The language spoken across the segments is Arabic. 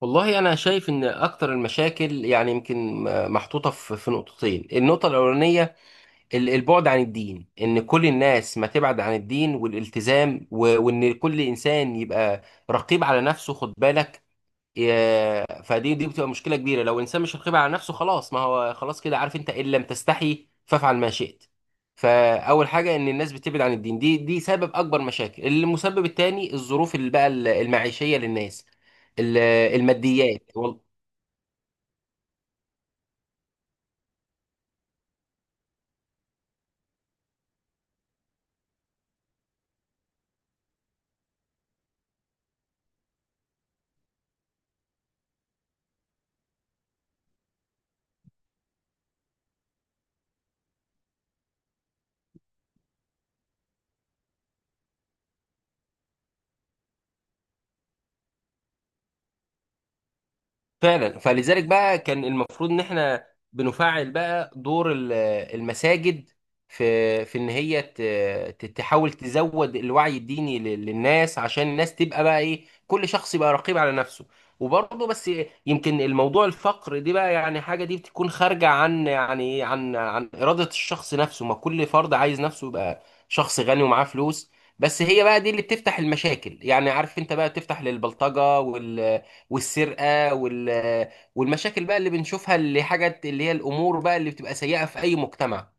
والله انا شايف ان اكتر المشاكل يعني يمكن محطوطه في نقطتين. النقطه الاولانيه البعد عن الدين، ان كل الناس ما تبعد عن الدين والالتزام، وان كل انسان يبقى رقيب على نفسه، خد بالك. فدي بتبقى مشكله كبيره لو انسان مش رقيب على نفسه. خلاص، ما هو خلاص كده، عارف انت، ان لم تستحي فافعل ما شئت. فاول حاجه ان الناس بتبعد عن الدين، دي سبب اكبر مشاكل. المسبب الثاني الظروف اللي بقى المعيشيه للناس، ال- الماديات. فعلا، فلذلك بقى كان المفروض ان احنا بنفعل بقى دور المساجد في ان هي تحاول تزود الوعي الديني للناس، عشان الناس تبقى بقى ايه، كل شخص يبقى رقيب على نفسه. وبرضه بس يمكن الموضوع الفقر دي بقى، يعني حاجة دي بتكون خارجة عن يعني إيه؟ عن إرادة الشخص نفسه. ما كل فرد عايز نفسه يبقى شخص غني ومعاه فلوس. بس هي بقى دي اللي بتفتح المشاكل، يعني عارف انت، بقى بتفتح للبلطجة والسرقه والمشاكل بقى اللي بنشوفها، اللي حاجات اللي هي الامور بقى اللي بتبقى سيئه في اي مجتمع،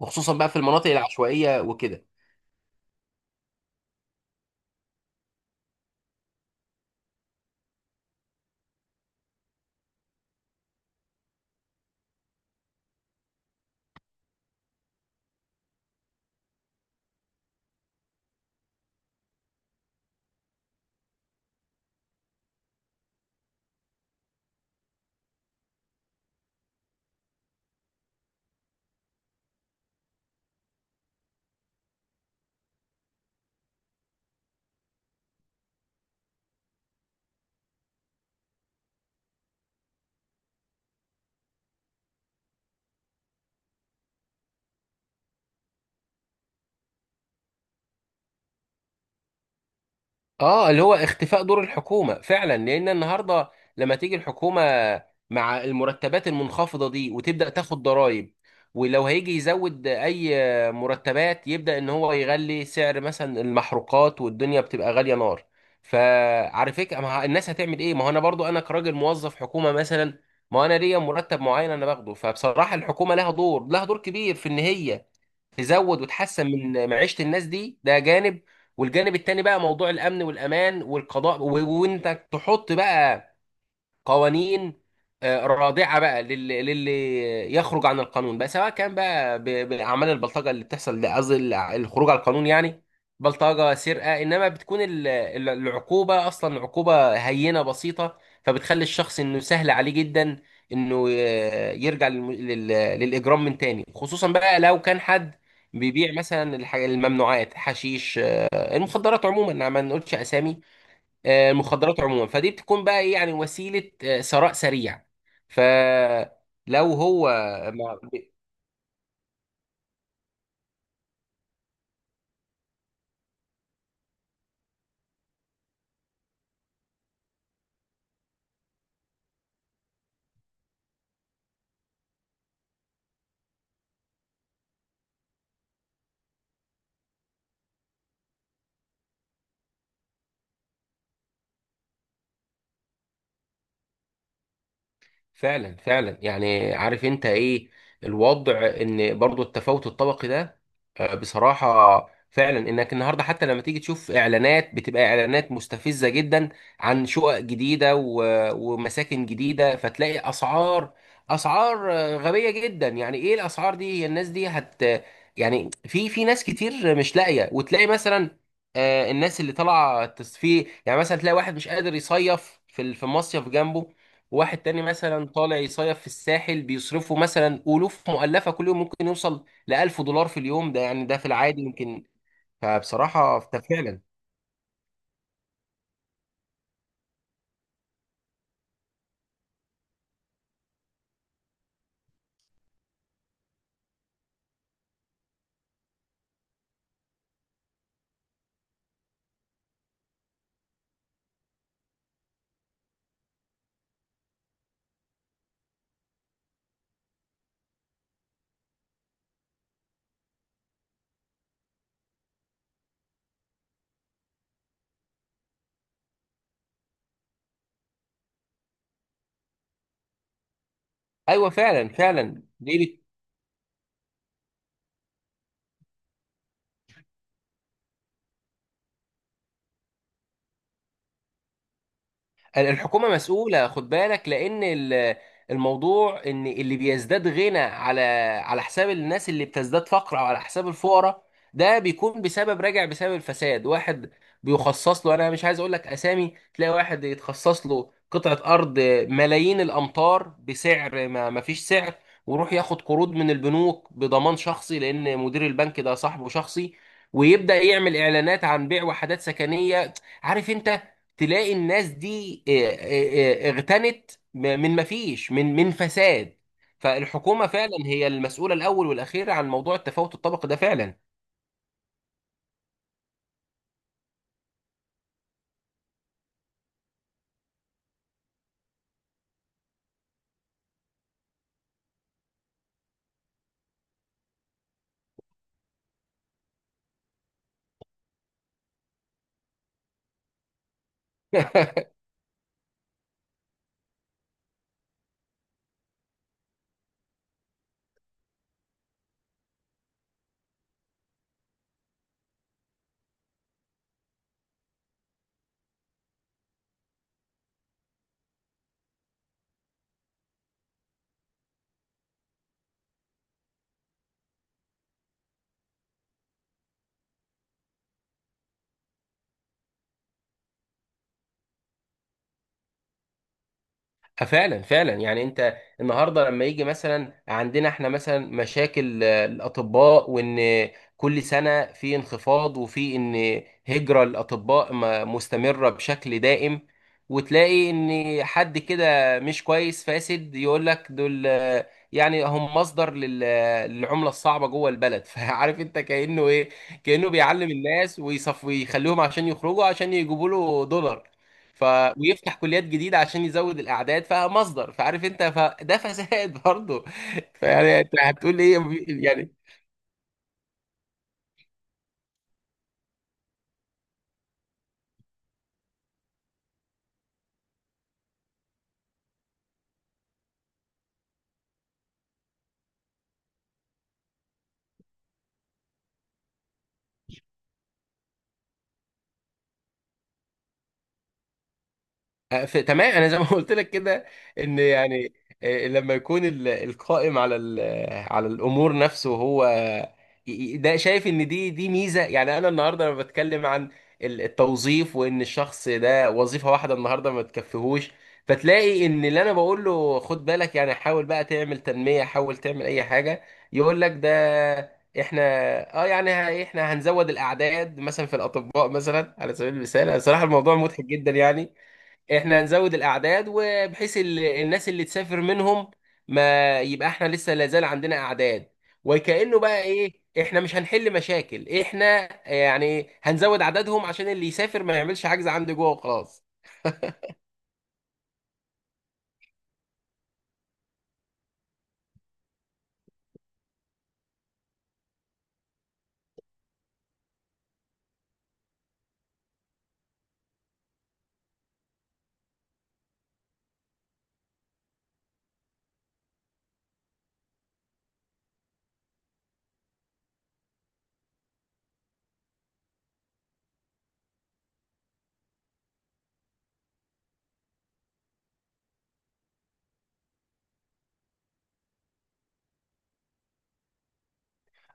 وخصوصا بقى في المناطق العشوائيه وكده. اه، اللي هو اختفاء دور الحكومة فعلا. لان النهاردة لما تيجي الحكومة مع المرتبات المنخفضة دي وتبدأ تاخد ضرائب، ولو هيجي يزود اي مرتبات يبدأ ان هو يغلي سعر مثلا المحروقات، والدنيا بتبقى غالية نار. فعلى فكرة، ما ه- الناس هتعمل ايه؟ ما هو انا برضو، انا كراجل موظف حكومة مثلا، ما انا ليا مرتب معين انا باخده. فبصراحة الحكومة لها دور، لها دور كبير في ان هي تزود وتحسن من معيشة الناس دي. ده جانب، والجانب التاني بقى موضوع الأمن والأمان والقضاء، وإنك تحط بقى قوانين رادعه بقى للي يخرج عن القانون بقى، سواء كان بقى باعمال البلطجه اللي بتحصل. ده قصدي الخروج على القانون، يعني بلطجه، سرقه. انما بتكون العقوبه اصلا عقوبه هينه بسيطه، فبتخلي الشخص انه سهل عليه جدا انه يرجع للاجرام من تاني، خصوصا بقى لو كان حد بيبيع مثلا الممنوعات، حشيش، المخدرات عموما. ما نقولش اسامي. المخدرات عموما، فدي بتكون بقى ايه، يعني وسيله ثراء سريع. فلو هو فعلا، فعلا، يعني عارف انت ايه الوضع. ان برضو التفاوت الطبقي ده، بصراحة فعلا، انك النهاردة حتى لما تيجي تشوف اعلانات، بتبقى اعلانات مستفزة جدا عن شقق جديدة، ومساكن جديدة، فتلاقي اسعار غبية جدا. يعني ايه الاسعار دي؟ هي الناس دي هت، يعني في ناس كتير مش لاقية. وتلاقي مثلا الناس اللي طالعة تصفيه، يعني مثلا تلاقي واحد مش قادر يصيف في مصيف جنبه، واحد تاني مثلا طالع يصيف في الساحل بيصرفوا مثلا ألوف مؤلفة كل يوم، ممكن يوصل ل $1000 في اليوم ده، يعني ده في العادي يمكن. فبصراحة ده فعلا أيوه، فعلا ليلة. الحكومة مسؤولة، خد بالك، لأن الموضوع إن اللي بيزداد غنى على حساب الناس اللي بتزداد فقر، أو على حساب الفقراء، ده بيكون بسبب الفساد. واحد بيخصص له، أنا مش عايز أقول لك أسامي، تلاقي واحد يتخصص له قطعة أرض ملايين الأمتار بسعر ما فيش سعر، ويروح ياخد قروض من البنوك بضمان شخصي لأن مدير البنك ده صاحبه شخصي، ويبدأ يعمل إعلانات عن بيع وحدات سكنية. عارف انت، تلاقي الناس دي اغتنت من، ما فيش، من فساد. فالحكومة فعلا هي المسؤولة الأول والأخيرة عن موضوع التفاوت الطبقي ده فعلا. فعلا، فعلا، يعني انت النهارده لما يجي مثلا عندنا احنا مثلا مشاكل الاطباء، وان كل سنه في انخفاض، وفي ان هجره الاطباء مستمره بشكل دائم. وتلاقي ان حد كده مش كويس، فاسد، يقول لك دول يعني هم مصدر للعمله الصعبه جوه البلد. فعارف انت كانه ايه، كانه بيعلم الناس ويصف ويخليهم عشان يخرجوا عشان يجيبوا له دولار. ف ويفتح كليات جديده عشان يزود الاعداد، فمصدر، فعارف انت، فده فساد برضه. فيعني انت هتقول ايه؟ يعني ف- تمام، انا زي ما قلت لك كده، ان يعني لما يكون القائم على على الامور نفسه هو ده شايف ان دي ميزه. يعني انا النهارده لما بتكلم عن التوظيف، وان الشخص ده وظيفه واحده النهارده ما تكفيهوش، فتلاقي ان اللي انا بقول له خد بالك، يعني حاول بقى تعمل تنميه، حاول تعمل اي حاجه، يقول لك ده احنا، اه يعني، احنا هنزود الاعداد مثلا في الاطباء، مثلا على سبيل المثال. صراحه الموضوع مضحك جدا، يعني احنا نزود الاعداد، وبحيث الناس اللي تسافر منهم، ما يبقى احنا لسه لازال عندنا اعداد، وكأنه بقى ايه، احنا مش هنحل مشاكل، احنا يعني هنزود عددهم عشان اللي يسافر ما يعملش حجز عندي جوه وخلاص.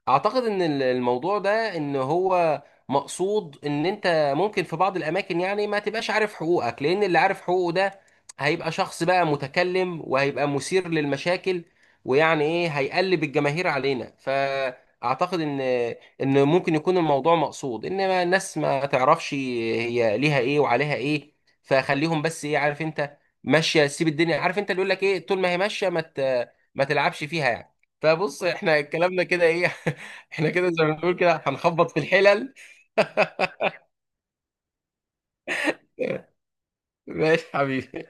اعتقد ان الموضوع ده ان هو مقصود، ان انت ممكن في بعض الاماكن يعني ما تبقاش عارف حقوقك، لان اللي عارف حقوقه ده هيبقى شخص بقى متكلم وهيبقى مثير للمشاكل، ويعني ايه، هيقلب الجماهير علينا. فاعتقد ان ممكن يكون الموضوع مقصود، انما الناس ما تعرفش هي ليها ايه وعليها ايه، فخليهم بس ايه عارف انت، ماشيه، سيب الدنيا، عارف انت اللي يقول لك ايه، طول ما هي ماشيه ما تلعبش فيها يعني. فبص احنا كلامنا كده ايه. احنا كده زي ما بنقول كده هنخبط في الحلل. ماشي حبيبي.